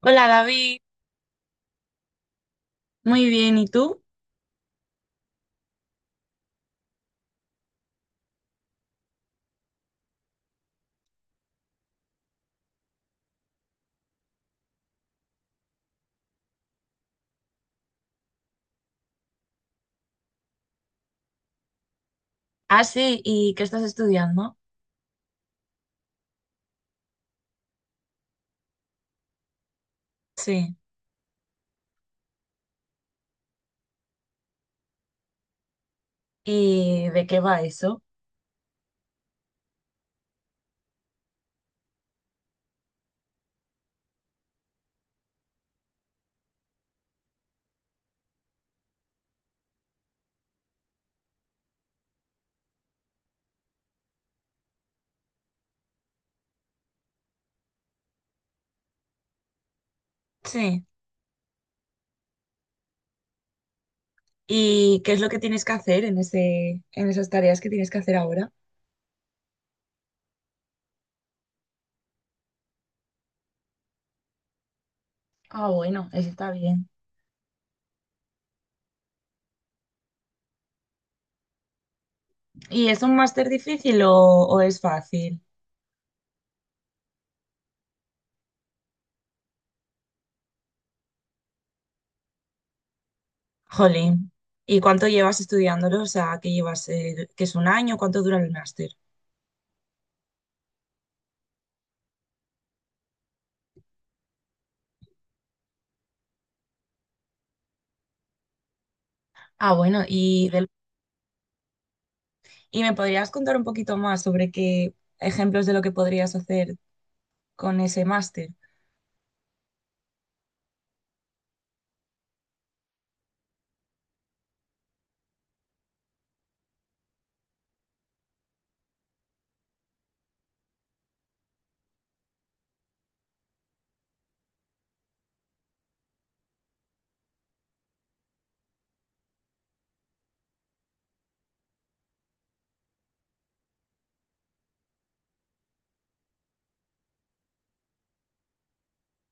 Hola David, muy bien, ¿y tú? Ah, sí, ¿y qué estás estudiando? Sí. ¿Y de qué va eso? Sí. ¿Y qué es lo que tienes que hacer en esas tareas que tienes que hacer ahora? Ah, bueno, eso está bien. ¿Y es un máster difícil o es fácil? Jolín. ¿Y cuánto llevas estudiándolo? O sea, ¿qué llevas, que es un año? ¿Cuánto dura el máster? Ah, bueno. ¿Y me podrías contar un poquito más sobre qué ejemplos de lo que podrías hacer con ese máster?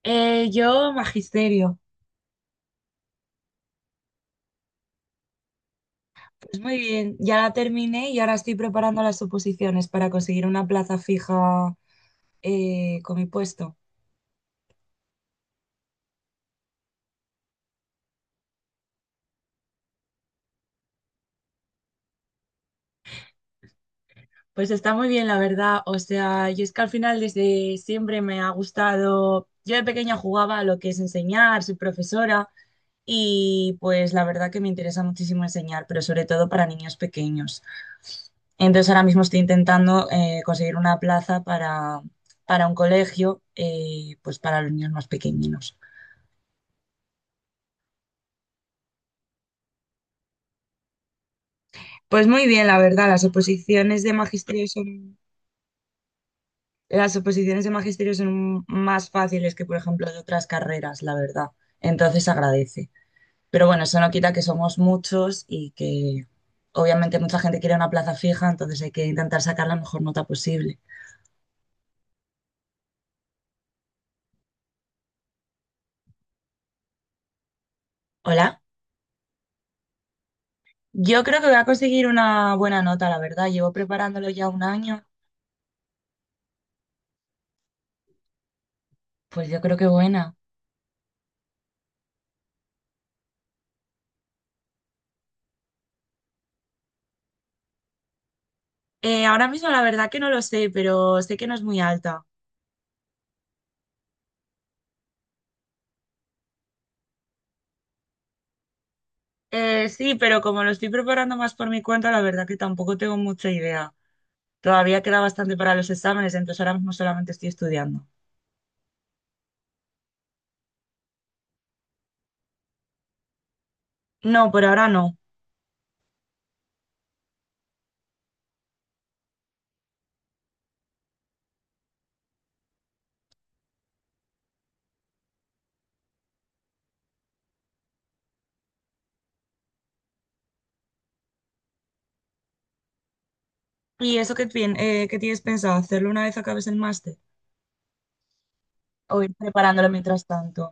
Yo magisterio. Pues muy bien, ya la terminé y ahora estoy preparando las oposiciones para conseguir una plaza fija, con mi puesto. Pues está muy bien, la verdad. O sea, yo es que al final desde siempre me ha gustado. Yo de pequeña jugaba a lo que es enseñar, soy profesora. Y pues la verdad que me interesa muchísimo enseñar, pero sobre todo para niños pequeños. Entonces ahora mismo estoy intentando, conseguir una plaza para un colegio, pues para los niños más pequeñinos. Pues muy bien, la verdad, las oposiciones de magisterio son más fáciles que, por ejemplo, de otras carreras, la verdad. Entonces agradece. Pero bueno, eso no quita que somos muchos y que obviamente mucha gente quiere una plaza fija, entonces hay que intentar sacar la mejor nota posible. Hola, yo creo que voy a conseguir una buena nota, la verdad. Llevo preparándolo ya un año, pues yo creo que buena. Ahora mismo la verdad que no lo sé, pero sé que no es muy alta. Sí, pero como lo estoy preparando más por mi cuenta, la verdad que tampoco tengo mucha idea. Todavía queda bastante para los exámenes, entonces ahora mismo solamente estoy estudiando. No, por ahora no. ¿Y eso qué tienes pensado? ¿Hacerlo una vez acabes el máster? ¿O ir preparándolo mientras tanto?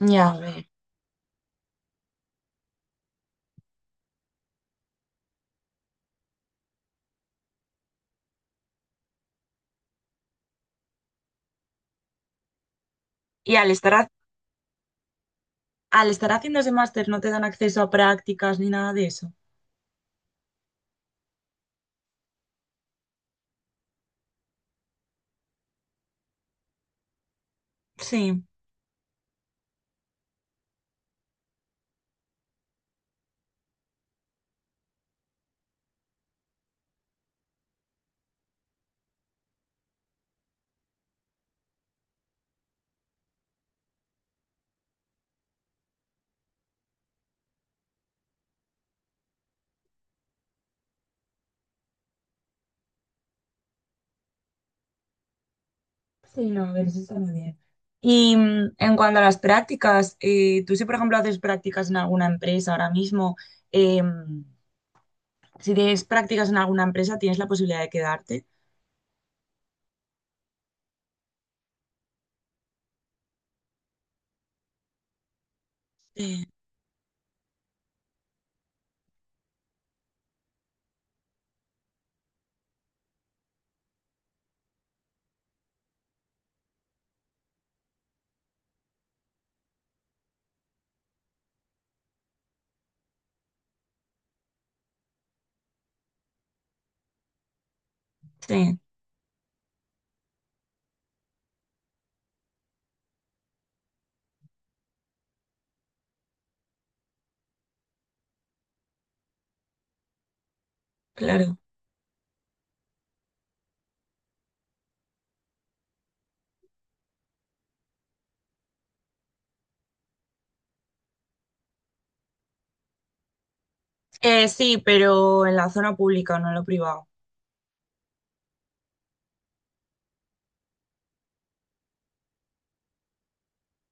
Ya, a ver. Y al estar haciendo ese máster, ¿no te dan acceso a prácticas ni nada de eso? Sí. Sí, no, pero eso está muy bien. Y en cuanto a las prácticas, tú si por ejemplo haces prácticas en alguna empresa ahora mismo, eh, si tienes prácticas en alguna empresa, ¿tienes la posibilidad de quedarte? Sí, sí, claro. Sí, pero en la zona pública, no en lo privado.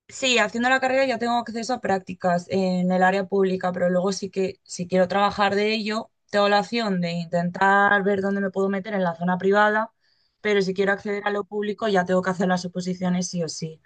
Sí, haciendo la carrera ya tengo acceso a prácticas en el área pública, pero luego sí que si quiero trabajar de ello, tengo la opción de intentar ver dónde me puedo meter en la zona privada, pero si quiero acceder a lo público ya tengo que hacer las oposiciones sí o sí.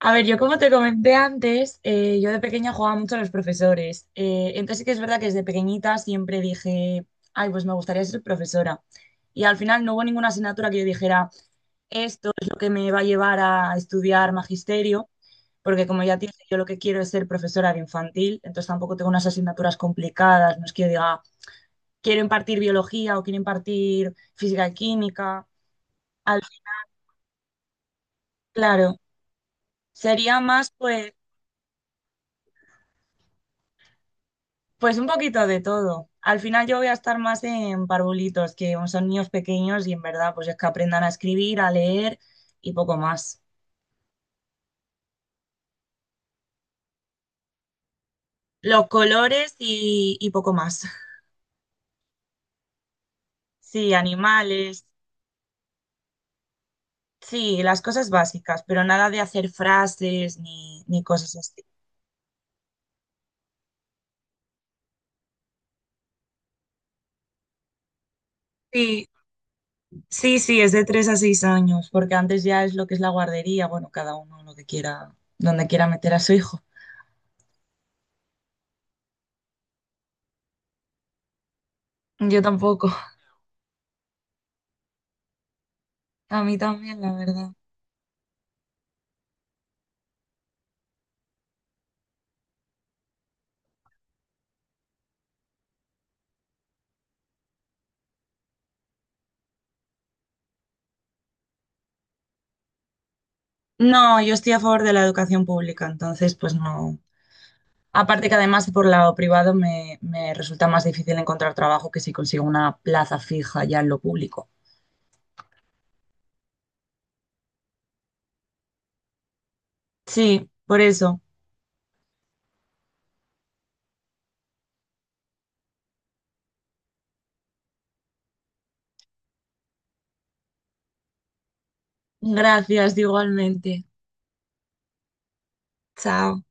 A ver, yo como te comenté antes, yo de pequeña jugaba mucho a los profesores, entonces sí que es verdad que desde pequeñita siempre dije, ay, pues me gustaría ser profesora. Y al final no hubo ninguna asignatura que yo dijera: esto es lo que me va a llevar a estudiar magisterio, porque como ya te dije, yo lo que quiero es ser profesora de infantil, entonces tampoco tengo unas asignaturas complicadas, no es que yo diga, quiero impartir biología o quiero impartir física y química. Al fin, claro, sería más pues un poquito de todo. Al final yo voy a estar más en parvulitos, que son niños pequeños y en verdad pues es que aprendan a escribir, a leer y poco más. Los colores y poco más. Sí, animales. Sí, las cosas básicas, pero nada de hacer frases ni cosas así. Sí, sí, sí, es de 3 a 6 años, porque antes ya es lo que es la guardería, bueno, cada uno lo que quiera, donde quiera meter a su hijo. Yo tampoco, a mí también, la verdad. No, yo estoy a favor de la educación pública, entonces pues no. Aparte que además por lado privado me resulta más difícil encontrar trabajo que si consigo una plaza fija ya en lo público. Sí, por eso. Gracias igualmente. Chao.